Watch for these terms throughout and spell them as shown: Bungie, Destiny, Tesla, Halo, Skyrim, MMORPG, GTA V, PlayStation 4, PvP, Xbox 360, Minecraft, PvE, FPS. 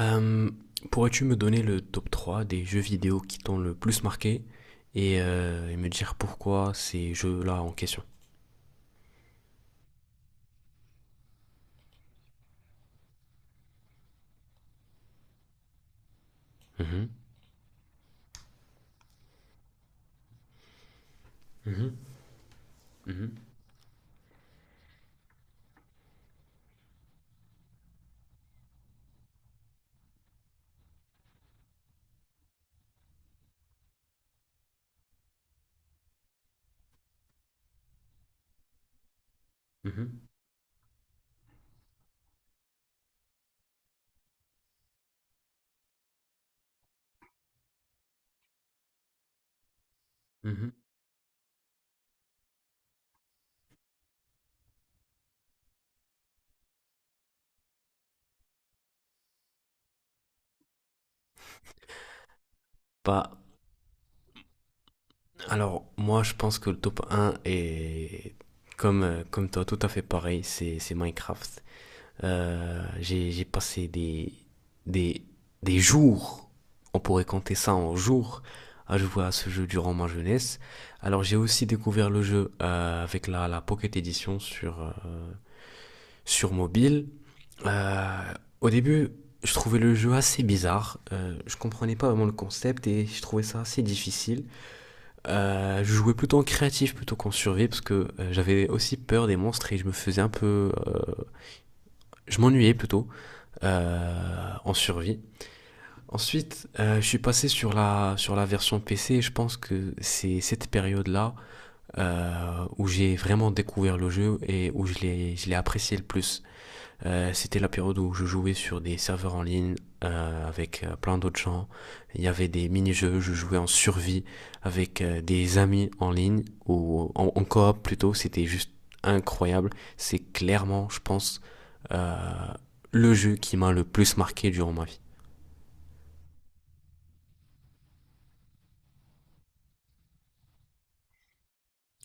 Euh, Pourrais-tu me donner le top 3 des jeux vidéo qui t'ont le plus marqué et, et me dire pourquoi ces jeux-là en question? Mhm, mhm, mhm, mhm, mhm. Bah, alors, moi, je pense que le top un est, comme toi, tout à fait pareil, c'est Minecraft. J'ai passé des, des jours, on pourrait compter ça en jours, à jouer à ce jeu durant ma jeunesse. Alors j'ai aussi découvert le jeu avec la Pocket Edition sur mobile. Euh, au début, je trouvais le jeu assez bizarre. Je comprenais pas vraiment le concept et je trouvais ça assez difficile. Je jouais plutôt en créatif plutôt qu'en survie parce que j'avais aussi peur des monstres et je me faisais un peu je m'ennuyais plutôt en survie. Ensuite, je suis passé sur la version PC et je pense que c'est cette période-là où j'ai vraiment découvert le jeu et où je l'ai apprécié le plus. C'était la période où je jouais sur des serveurs en ligne avec plein d'autres gens. Il y avait des mini-jeux, je jouais en survie avec des amis en ligne ou en coop plutôt. C'était juste incroyable. C'est clairement, je pense, euh, le jeu qui m'a le plus marqué durant ma vie.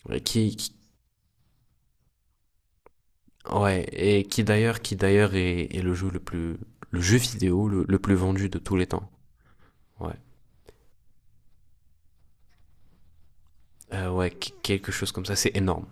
Ouais, ouais, et qui d'ailleurs est le jeu le plus, le jeu vidéo le plus vendu de tous les temps. Ouais. Ouais, quelque chose comme ça, c'est énorme.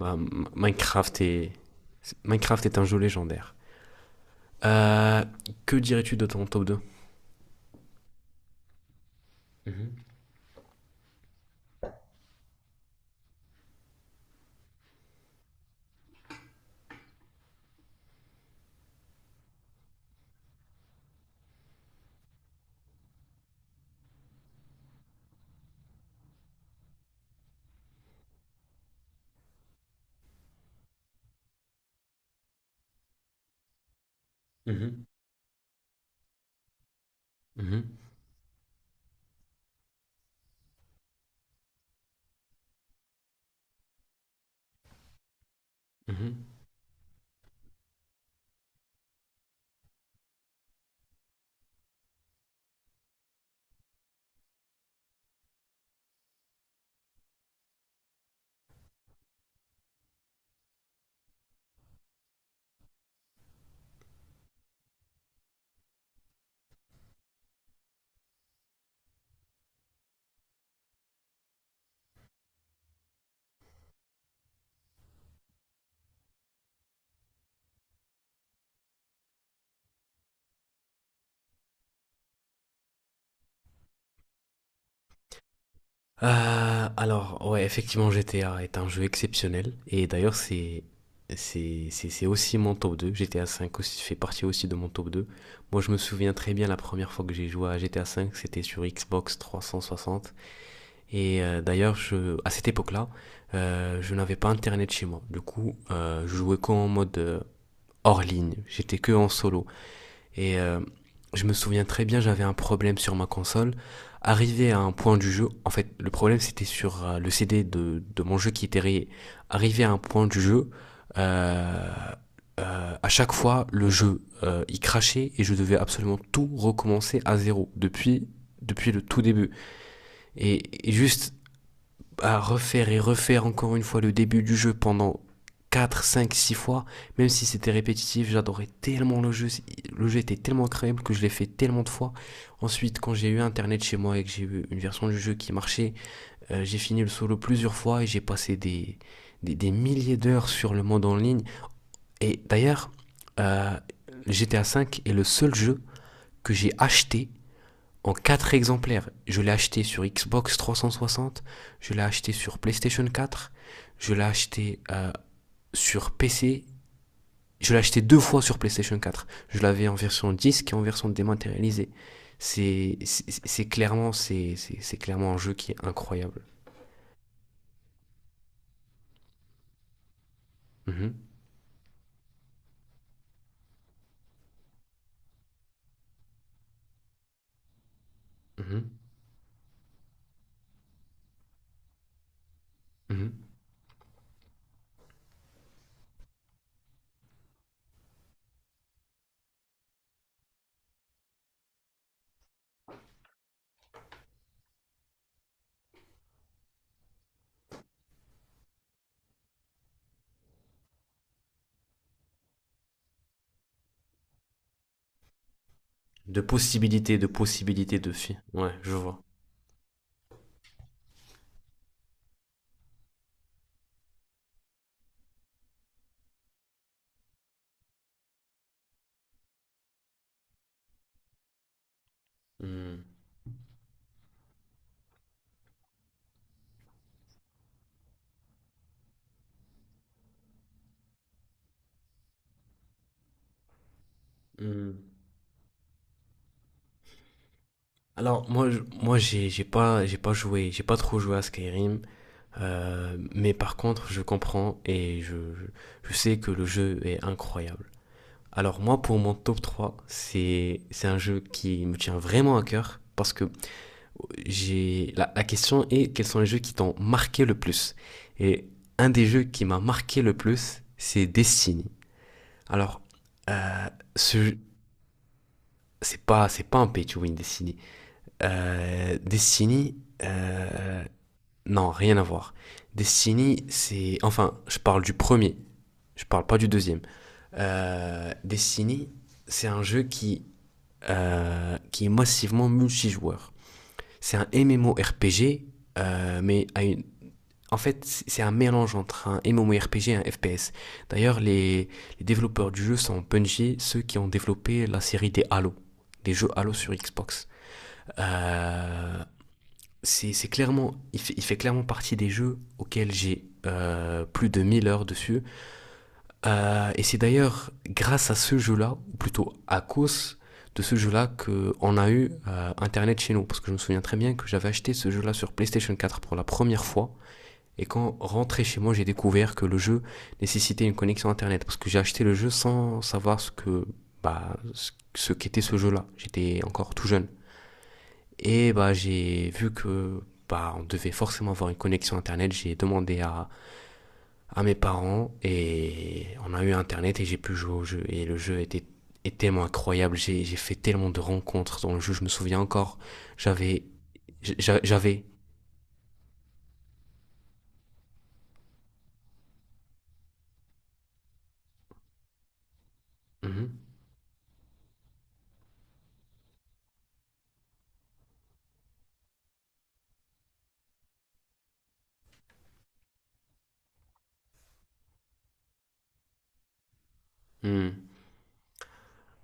Bah, Minecraft est... Minecraft est un jeu légendaire. Euh, que dirais-tu de ton top 2? Alors, ouais, effectivement, GTA est un jeu exceptionnel. Et d'ailleurs, c'est aussi mon top 2. GTA 5 aussi, fait partie aussi de mon top 2. Moi, je me souviens très bien la première fois que j'ai joué à GTA 5, c'était sur Xbox 360. Et d'ailleurs, à cette époque-là, je n'avais pas Internet chez moi. Du coup, je jouais qu'en mode hors ligne. J'étais que en solo. Et je me souviens très bien, j'avais un problème sur ma console. Arrivé à un point du jeu, en fait, le problème c'était sur le CD de mon jeu qui était rayé. Arrivé à un point du jeu, euh, à chaque fois, le jeu il crachait et je devais absolument tout recommencer à zéro depuis le tout début. Et juste à refaire et refaire encore une fois le début du jeu pendant 4 5 6 fois, même si c'était répétitif, j'adorais tellement le jeu était tellement incroyable que je l'ai fait tellement de fois. Ensuite, quand j'ai eu internet chez moi et que j'ai eu une version du jeu qui marchait, j'ai fini le solo plusieurs fois et j'ai passé des milliers d'heures sur le mode en ligne. Et d'ailleurs, euh, GTA V est le seul jeu que j'ai acheté en 4 exemplaires. Je l'ai acheté sur Xbox 360, je l'ai acheté sur PlayStation 4, je l'ai acheté sur PC, je l'ai acheté deux fois sur PlayStation 4. Je l'avais en version disque et en version dématérialisée. C'est clairement, c'est clairement un jeu qui est incroyable. Mhm, mhm, mhm. De possibilités, de possibilités de filles. Ouais, je vois. Hmm, hmm. Alors moi, moi j'ai pas j'ai pas trop joué à Skyrim. Mais par contre, je comprends et je sais que le jeu est incroyable. Alors moi, pour mon top 3, c'est un jeu qui me tient vraiment à cœur parce que j'ai la question est quels sont les jeux qui t'ont marqué le plus. Et un des jeux qui m'a marqué le plus, c'est Destiny. Alors, euh, ce c'est pas un pay to win Destiny. Destiny, euh, non, rien à voir. Destiny, c'est. Enfin, je parle du premier. Je parle pas du deuxième. Destiny, c'est un jeu qui est massivement multijoueur. C'est un MMORPG, mais à une, en fait, c'est un mélange entre un MMORPG et un FPS. D'ailleurs, les développeurs du jeu sont Bungie, ceux qui ont développé la série des Halo, des jeux Halo sur Xbox. Euh, c'est clairement, il fait clairement partie des jeux auxquels j'ai plus de 1000 heures dessus. Et c'est d'ailleurs grâce à ce jeu-là, ou plutôt à cause de ce jeu-là, qu'on a eu Internet chez nous. Parce que je me souviens très bien que j'avais acheté ce jeu-là sur PlayStation 4 pour la première fois. Et quand rentré chez moi, j'ai découvert que le jeu nécessitait une connexion Internet. Parce que j'ai acheté le jeu sans savoir ce que, bah, ce qu'était ce jeu-là. J'étais encore tout jeune. Et bah, j'ai vu que bah, on devait forcément avoir une connexion Internet. J'ai demandé à mes parents et on a eu Internet et j'ai pu jouer au jeu. Et le jeu était tellement incroyable. J'ai fait tellement de rencontres dans le jeu. Je me souviens encore, j'avais. J'avais. Mhm. Mhm.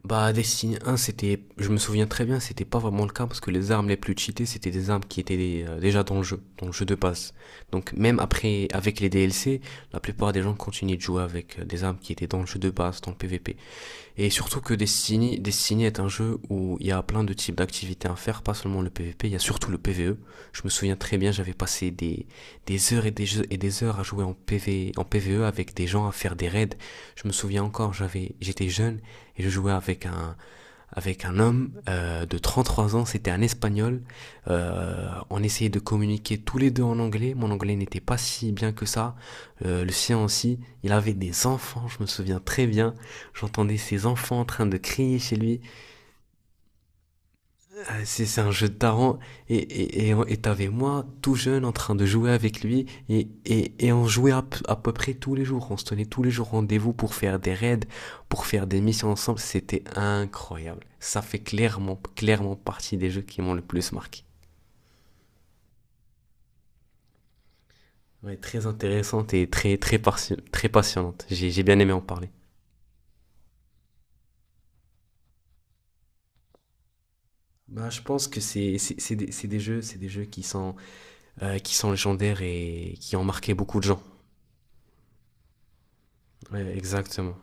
Bah, Destiny 1 c'était, je me souviens très bien, c'était pas vraiment le cas parce que les armes les plus cheatées, c'était des armes qui étaient déjà dans le jeu de base. Donc, même après, avec les DLC, la plupart des gens continuaient de jouer avec des armes qui étaient dans le jeu de base, dans le PvP. Et surtout que Destiny est un jeu où il y a plein de types d'activités à faire, pas seulement le PvP, il y a surtout le PvE. Je me souviens très bien, j'avais passé des heures et et des heures à jouer en PvE avec des gens, à faire des raids. Je me souviens encore, j'étais jeune et je jouais avec un homme de 33 ans, c'était un Espagnol. On essayait de communiquer tous les deux en anglais. Mon anglais n'était pas si bien que ça. Le sien aussi. Il avait des enfants, je me souviens très bien. J'entendais ses enfants en train de crier chez lui. Ah, c'est un jeu de tarant. Et t'avais moi, tout jeune, en train de jouer avec lui. Et on jouait à peu près tous les jours. On se tenait tous les jours rendez-vous pour faire des raids, pour faire des missions ensemble. C'était incroyable. Ça fait clairement, clairement partie des jeux qui m'ont le plus marqué. Ouais, très intéressante et très, très, très passionnante. J'ai bien aimé en parler. Bah, je pense que c'est des jeux qui sont légendaires et qui ont marqué beaucoup de gens. Ouais, exactement.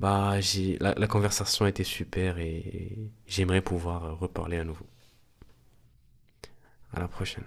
Bah, j'ai la conversation était super et j'aimerais pouvoir reparler à nouveau. À la prochaine.